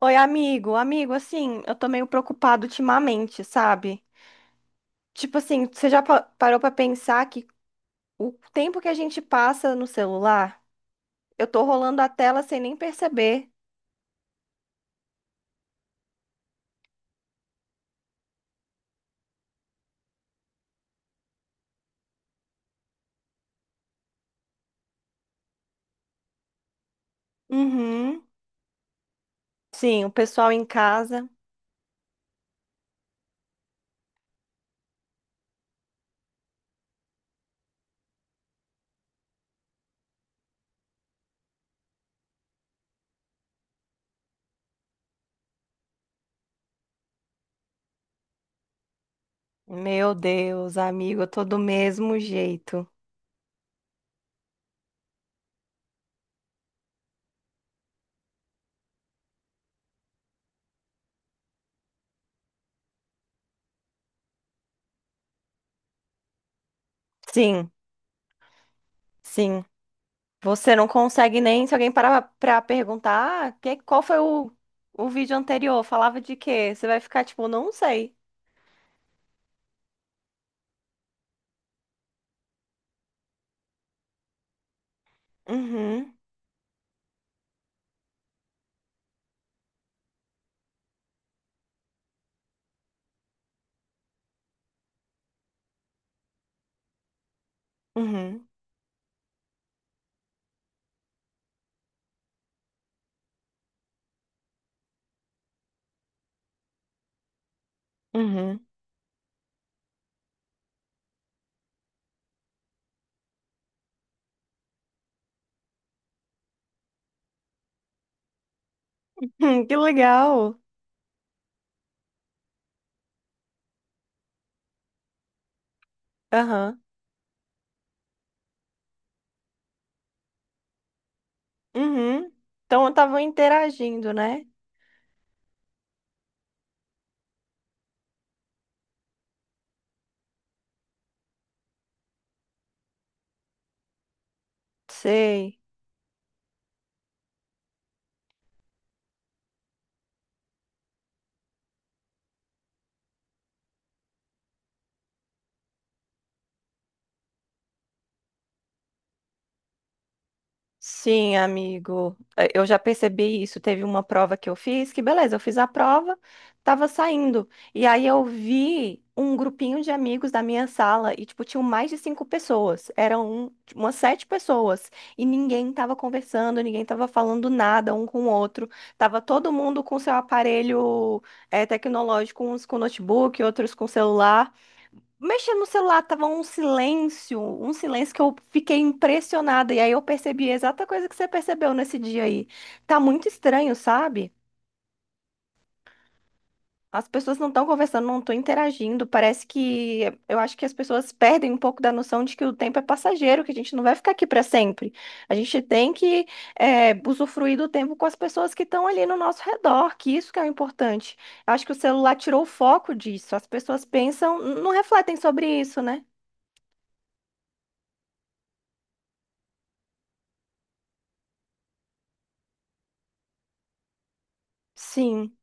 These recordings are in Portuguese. Oi, amigo, assim, eu tô meio preocupado ultimamente, sabe? Tipo assim, você já parou pra pensar que o tempo que a gente passa no celular, eu tô rolando a tela sem nem perceber. Uhum. Sim, o pessoal em casa, meu Deus, amigo, eu tô do mesmo jeito. Sim, sim. Você não consegue nem, se alguém parar pra perguntar, ah, qual foi o vídeo anterior? Falava de quê? Você vai ficar tipo, não sei. Uhum, uhum, uhum. Que legal. Aham. Uhum. Então estavam interagindo, né? Sei. Sim, amigo. Eu já percebi isso. Teve uma prova que eu fiz, que beleza, eu fiz a prova, tava saindo. E aí eu vi um grupinho de amigos da minha sala e, tipo, tinham mais de cinco pessoas. Eram um, tipo, umas sete pessoas. E ninguém tava conversando, ninguém tava falando nada um com o outro. Tava todo mundo com seu aparelho, tecnológico, uns com notebook, outros com celular, mexendo no celular, tava um silêncio que eu fiquei impressionada. E aí eu percebi a exata coisa que você percebeu nesse dia aí. Tá muito estranho, sabe? As pessoas não estão conversando, não estão interagindo. Parece que eu acho que as pessoas perdem um pouco da noção de que o tempo é passageiro, que a gente não vai ficar aqui para sempre. A gente tem que usufruir do tempo com as pessoas que estão ali no nosso redor, que isso que é o importante. Eu acho que o celular tirou o foco disso. As pessoas pensam, não refletem sobre isso, né? Sim.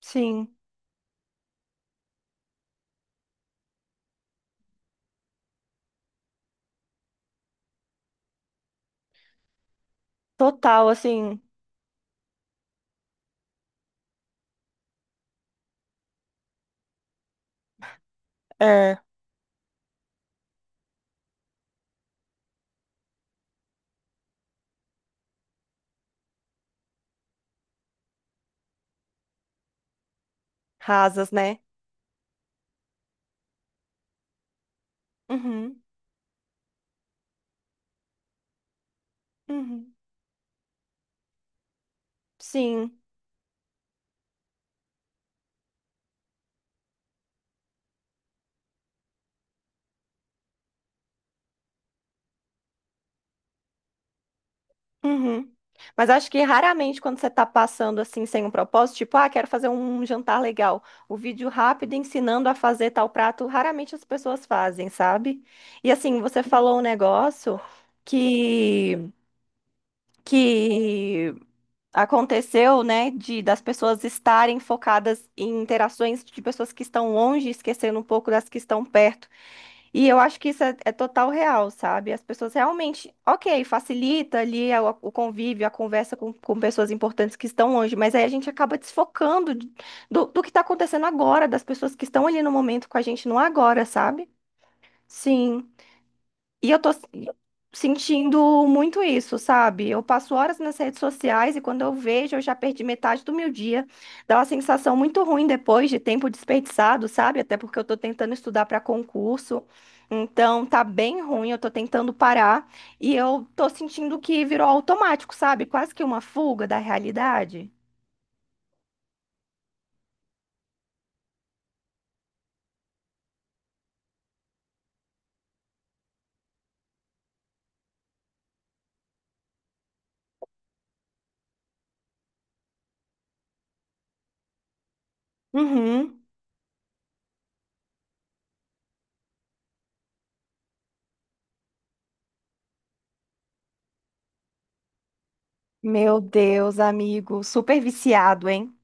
Sim, total, assim, é, rasas, né? Uhum, uhum, sim, uhum. Mas acho que raramente quando você tá passando assim sem um propósito, tipo, ah, quero fazer um jantar legal, o vídeo rápido ensinando a fazer tal prato, raramente as pessoas fazem, sabe? E assim, você falou um negócio que que aconteceu, né, de das pessoas estarem focadas em interações de pessoas que estão longe, esquecendo um pouco das que estão perto. E eu acho que isso é total real, sabe? As pessoas realmente, ok, facilita ali o convívio, a conversa com pessoas importantes que estão longe, mas aí a gente acaba desfocando do que está acontecendo agora, das pessoas que estão ali no momento com a gente no agora, sabe? Sim. E eu sentindo muito isso, sabe? Eu passo horas nas redes sociais e quando eu vejo, eu já perdi metade do meu dia. Dá uma sensação muito ruim depois de tempo desperdiçado, sabe? Até porque eu tô tentando estudar para concurso. Então, tá bem ruim, eu tô tentando parar e eu tô sentindo que virou automático, sabe? Quase que uma fuga da realidade. Uhum. Meu Deus, amigo, super viciado, hein?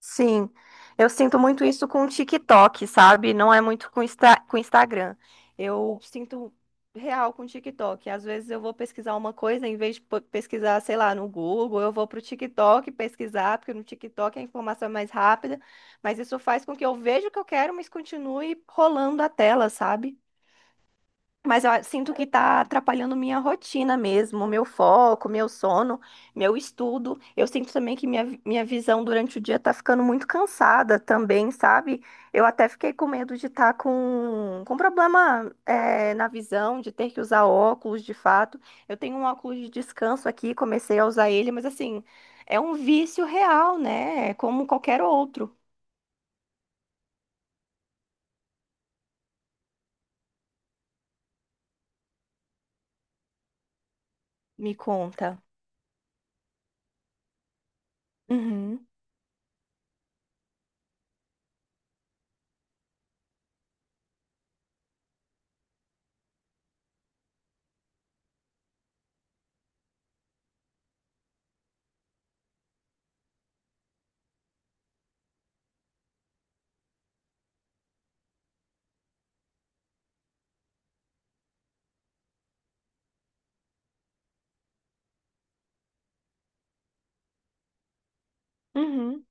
Sim, eu sinto muito isso com o TikTok, sabe? Não é muito com Instagram. Eu sinto real com o TikTok. Às vezes eu vou pesquisar uma coisa, em vez de pesquisar, sei lá, no Google, eu vou pro TikTok pesquisar, porque no TikTok a informação é mais rápida. Mas isso faz com que eu veja o que eu quero, mas continue rolando a tela, sabe? Mas eu sinto que tá atrapalhando minha rotina mesmo, meu foco, meu sono, meu estudo. Eu sinto também que minha visão durante o dia tá ficando muito cansada também, sabe? Eu até fiquei com medo de estar com problema, na visão, de ter que usar óculos de fato. Eu tenho um óculos de descanso aqui, comecei a usar ele, mas assim, é um vício real, né? É como qualquer outro, me conta. Uhum, uhum,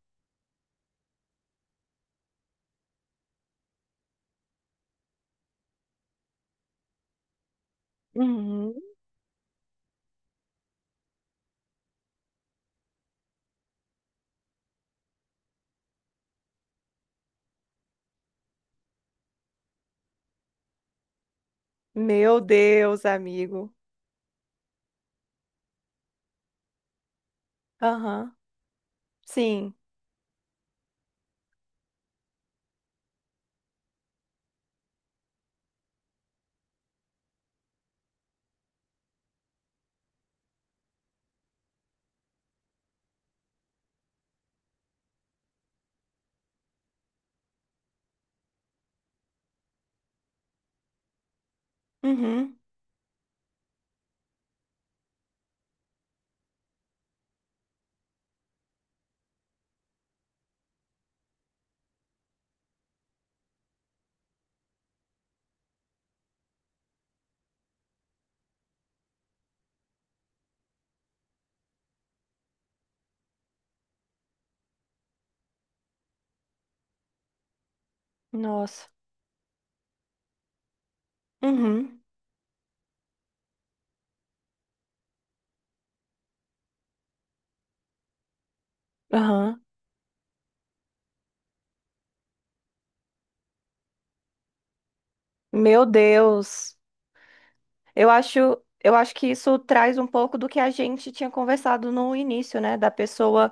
uhum. Meu Deus, amigo. Aham. Sim. Uhum. Nossa. Uhum. Aham. Meu Deus. Eu acho, eu acho que isso traz um pouco do que a gente tinha conversado no início, né? Da pessoa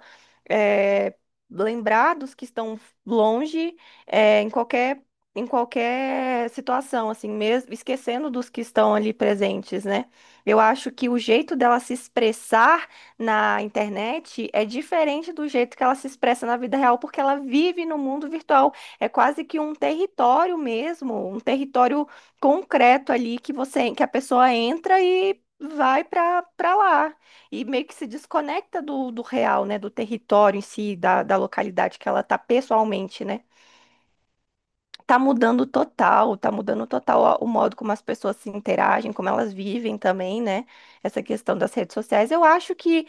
eh, lembrar dos que estão longe, eh, em qualquer, em qualquer situação, assim, mesmo esquecendo dos que estão ali presentes, né? Eu acho que o jeito dela se expressar na internet é diferente do jeito que ela se expressa na vida real, porque ela vive no mundo virtual. É quase que um território mesmo, um território concreto ali que você que a pessoa entra e vai para lá e meio que se desconecta do real, né, do território em si, da localidade que ela tá pessoalmente, né? Tá mudando total o modo como as pessoas se interagem, como elas vivem também, né? Essa questão das redes sociais. Eu acho que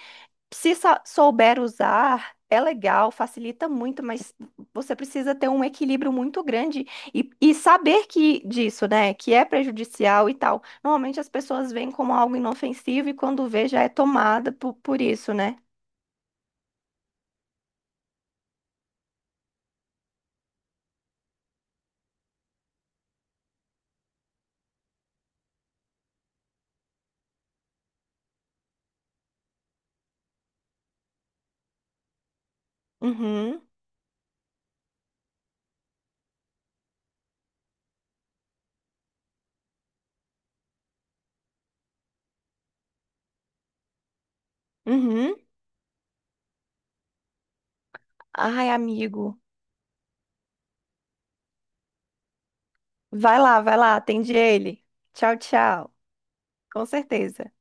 se souber usar, é legal, facilita muito, mas você precisa ter um equilíbrio muito grande e saber que disso, né, que é prejudicial e tal. Normalmente as pessoas veem como algo inofensivo e quando vê já é tomada por isso, né? Uhum, uhum. Ai, amigo, vai lá, atende ele. Tchau, tchau. Com certeza.